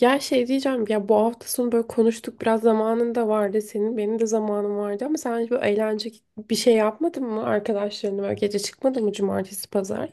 Ya şey diyeceğim ya, bu hafta sonu böyle konuştuk, biraz zamanın da vardı, senin benim de zamanım vardı, ama sen hiç böyle eğlence bir şey yapmadın mı arkadaşlarınla, böyle gece çıkmadın mı cumartesi pazar?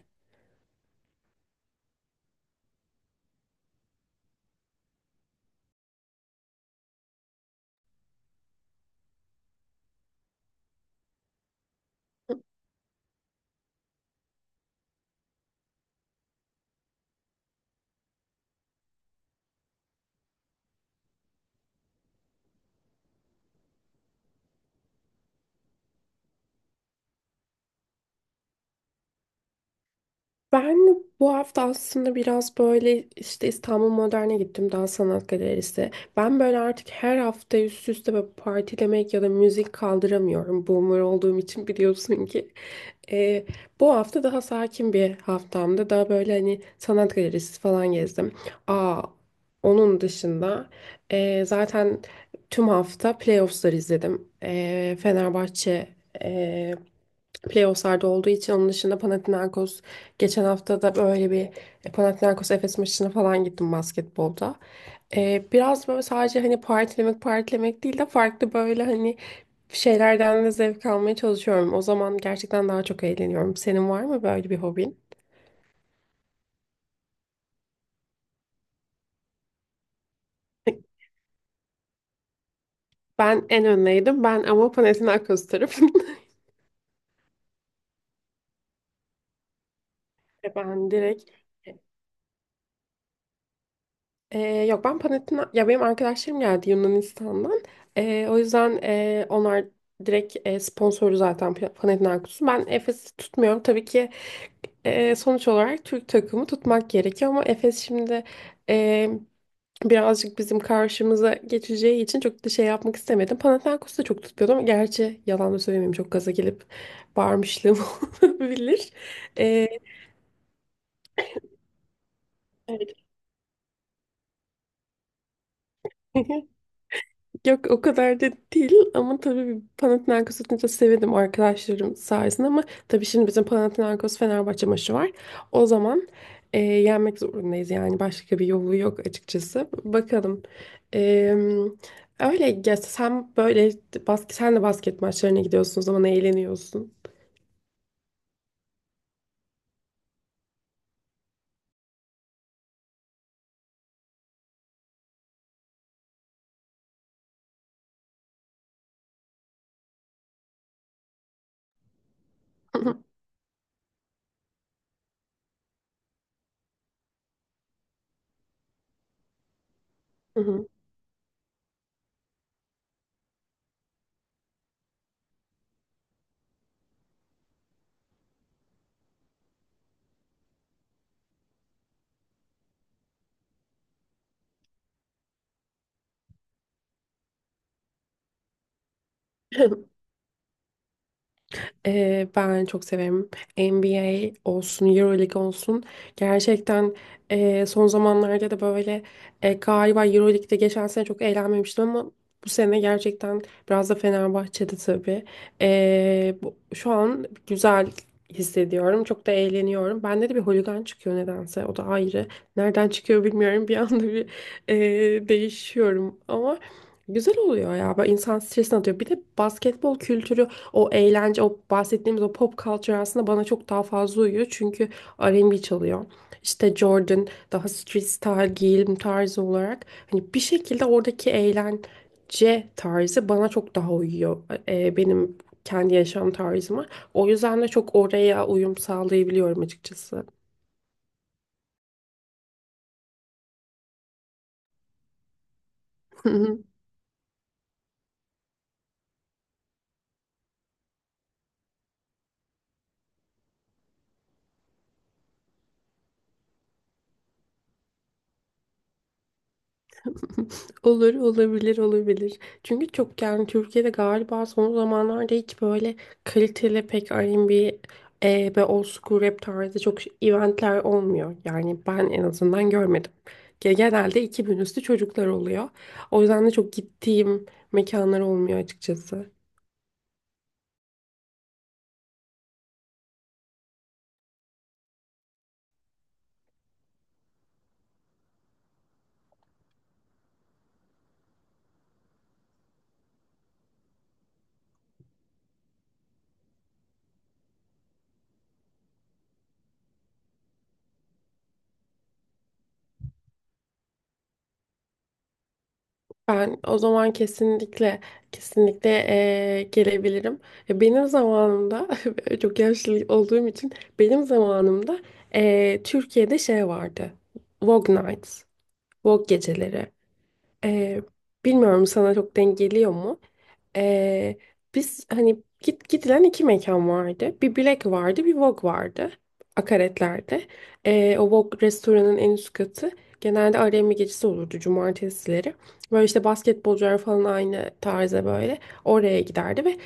Ben bu hafta aslında biraz böyle işte İstanbul Modern'e gittim, daha sanat galerisi. Ben böyle artık her hafta üst üste böyle partilemek ya da müzik kaldıramıyorum. Boomer olduğum için biliyorsun ki. Ee, Bu hafta daha sakin bir haftamdı. Daha böyle hani sanat galerisi falan gezdim. Aa, Onun dışında zaten tüm hafta playoffs'ları izledim. Fenerbahçe playofflarda olduğu için, onun dışında Panathinaikos, geçen hafta da böyle bir Panathinaikos Efes maçına falan gittim basketbolda. Biraz böyle sadece hani partilemek partilemek değil de farklı böyle hani şeylerden de zevk almaya çalışıyorum. O zaman gerçekten daha çok eğleniyorum. Senin var mı böyle bir hobin? Ben en önleydim. Ben ama Panathinaikos tarafındayım. Ben direkt e, Ee, Yok, ben Panathina ya benim arkadaşlarım geldi Yunanistan'dan. O yüzden onlar direkt, sponsoru zaten Panathinaikos'un. Ben Efes'i tutmuyorum. Tabii ki sonuç olarak Türk takımı tutmak gerekiyor ama Efes şimdi e, birazcık bizim karşımıza geçeceği için çok da şey yapmak istemedim. Panathinaikos'u da çok tutmuyordum. Gerçi yalan da söylemeyeyim, çok gaza gelip bağırmışlığım olabilir. Ee, evet. Yok, o kadar da değil ama tabii Panathinaikos tutunca sevindim arkadaşlarım sayesinde, ama tabii şimdi bizim Panathinaikos Fenerbahçe maçı var. O zaman yenmek zorundayız yani, başka bir yolu yok açıkçası. Bakalım. E, Öyle ya, sen böyle sen de basket maçlarına gidiyorsun, o zaman eğleniyorsun. Hı hı. Ben çok severim. NBA olsun, EuroLeague olsun. Gerçekten son zamanlarda da böyle, galiba EuroLeague'de geçen sene çok eğlenmemiştim ama bu sene gerçekten, biraz da Fenerbahçe'de tabii. Şu an güzel hissediyorum. Çok da eğleniyorum. Bende de bir holigan çıkıyor nedense. O da ayrı. Nereden çıkıyor bilmiyorum. Bir anda bir değişiyorum ama güzel oluyor ya. Böyle insan stresini atıyor. Bir de basketbol kültürü, o eğlence, o bahsettiğimiz o pop culture aslında bana çok daha fazla uyuyor. Çünkü R&B çalıyor. İşte Jordan, daha street style giyim tarzı olarak. Hani bir şekilde oradaki eğlence tarzı bana çok daha uyuyor. Benim kendi yaşam tarzıma. O yüzden de çok oraya uyum sağlayabiliyorum açıkçası. Olur, olabilir, olabilir. Çünkü çok yani Türkiye'de galiba son zamanlarda hiç böyle kaliteli pek R&B ve old school rap tarzı çok eventler olmuyor. Yani ben en azından görmedim. Genelde 2000 üstü çocuklar oluyor. O yüzden de çok gittiğim mekanlar olmuyor açıkçası. Ben o zaman kesinlikle kesinlikle gelebilirim. Benim zamanımda, çok yaşlı olduğum için, benim zamanımda Türkiye'de şey vardı. Vogue Nights, Vogue geceleri. Eee, Bilmiyorum, sana çok denk geliyor mu? Ee, Biz hani gidilen iki mekan vardı. Bir Black vardı, bir Vogue vardı. Akaretler'de. O Vogue restoranın en üst katı. Genelde R&B gecesi olurdu cumartesileri. Böyle işte basketbolcular falan aynı tarza böyle. Oraya giderdi ve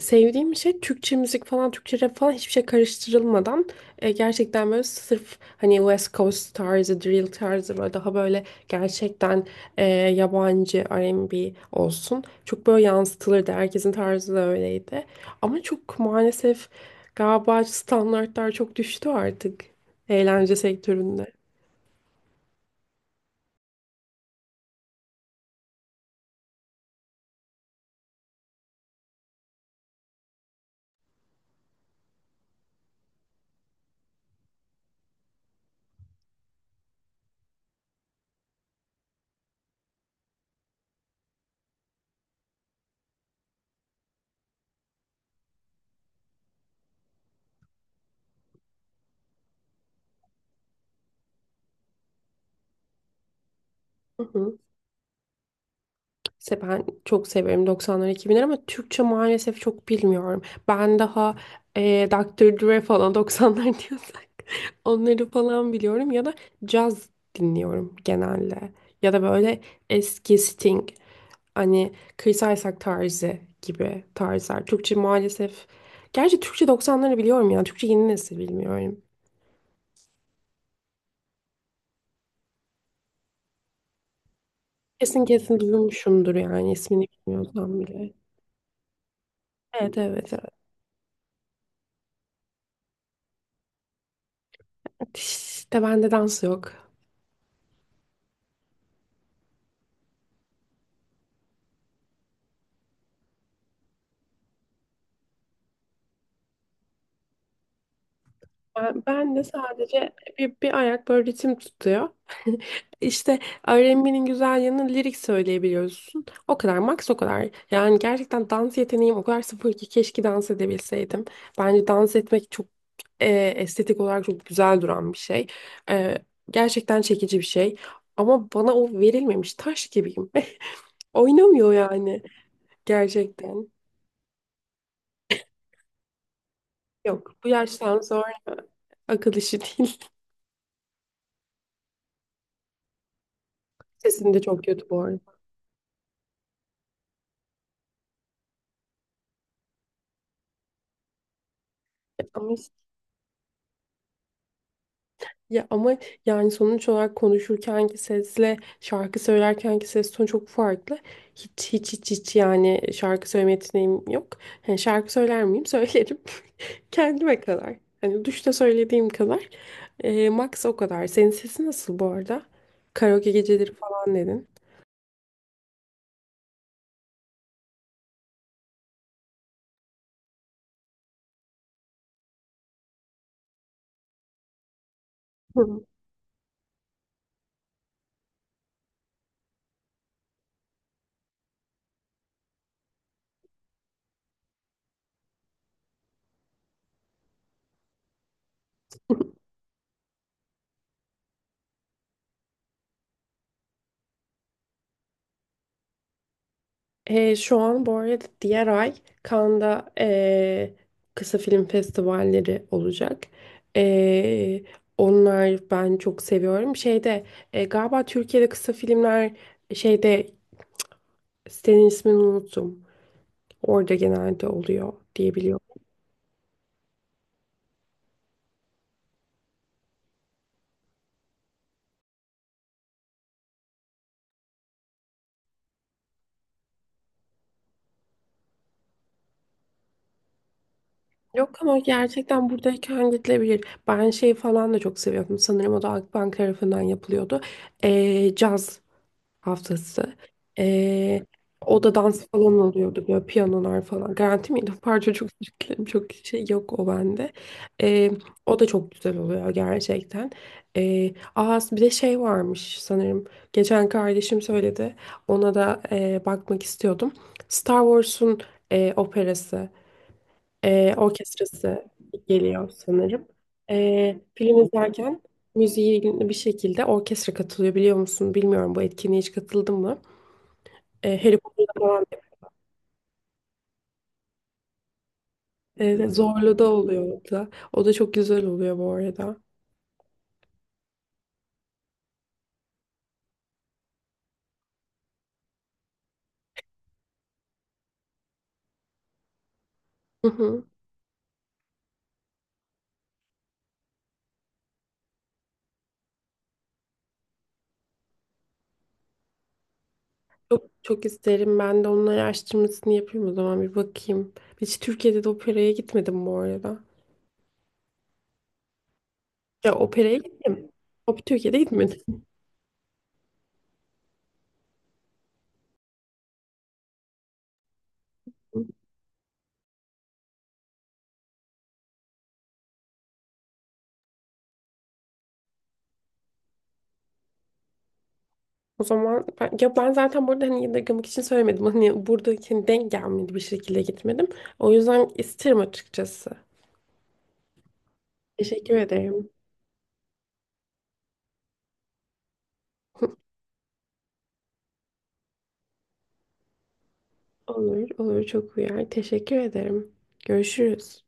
sevdiğim şey, Türkçe müzik falan, Türkçe rap falan hiçbir şey karıştırılmadan, gerçekten böyle sırf hani West Coast tarzı, drill tarzı, böyle daha böyle gerçekten yabancı R&B olsun. Çok böyle yansıtılırdı. Herkesin tarzı da öyleydi. Ama çok maalesef galiba standartlar çok düştü artık eğlence sektöründe. Ben çok severim 90'lar 2000'ler ama Türkçe maalesef çok bilmiyorum. Ben daha Dr. Dre falan, 90'lar diyorsak, onları falan biliyorum, ya da caz dinliyorum genelde. Ya da böyle eski Sting, hani Chris Isaak tarzı gibi tarzlar. Türkçe maalesef, gerçi Türkçe 90'ları biliyorum ya, Türkçe yeni nesil bilmiyorum. Kesin kesin duymuşumdur yani, ismini bilmiyorsam bile. Evet evet evet. İşte bende dans yok. Ben de sadece bir ayak böyle ritim tutuyor. İşte R&B'nin güzel yanı lirik söyleyebiliyorsun. O kadar, max o kadar. Yani gerçekten dans yeteneğim o kadar sıfır ki, keşke dans edebilseydim. Bence dans etmek çok estetik olarak çok güzel duran bir şey. E, Gerçekten çekici bir şey. Ama bana o verilmemiş, taş gibiyim. Oynamıyor yani gerçekten. Yok, bu yaştan sonra akıl işi değil. Sesim de çok kötü bu arada. Ama. Ya ama yani sonuç olarak konuşurkenki sesle şarkı söylerkenki ses tonu çok farklı. Hiç hiç hiç hiç yani şarkı söyleme yeteneğim yok. Yani şarkı söyler miyim? Söylerim. Kendime kadar. Hani duşta söylediğim kadar. Max o kadar. Senin sesi nasıl bu arada? Karaoke geceleri falan dedin. Hı. Şu an bu arada diğer ay Cannes'da kısa film festivalleri olacak. Ee, Onlar ben çok seviyorum. Şeyde, galiba Türkiye'de kısa filmler, şeyde, sitenin ismini unuttum. Orada genelde oluyor diyebiliyorum. Yok ama gerçekten buradayken gidilebilir. Ben şey falan da çok seviyordum. Sanırım o da Akbank tarafından yapılıyordu. Caz haftası. Ee, O da dans falan oluyordu, böyle piyanolar falan. Garanti miydi? Parça çok özür dilerim. Çok şey yok o bende. Ee, O da çok güzel oluyor gerçekten. Bir de şey varmış sanırım. Geçen kardeşim söyledi. Ona da bakmak istiyordum. Star Wars'un operası, orkestrası geliyor sanırım. Film izlerken müziği bir şekilde orkestra katılıyor, biliyor musun? Bilmiyorum, bu etkinliğe hiç katıldın mı? Harry Potter'da falan, Zorlu'da oluyor o da. O da çok güzel oluyor bu arada. Hı hı. Çok, çok isterim. Ben de onun araştırmasını yapayım o zaman, bir bakayım. Hiç Türkiye'de de operaya gitmedim bu arada. Ya operaya gittim. Türkiye'de gitmedim. O zaman ben, ya ben zaten burada hani yadırgamak için söylemedim. Hani buradaki, hani denk gelmedi bir şekilde gitmedim. O yüzden isterim açıkçası. Teşekkür ederim. Olur, olur, çok uyar. Teşekkür ederim. Görüşürüz.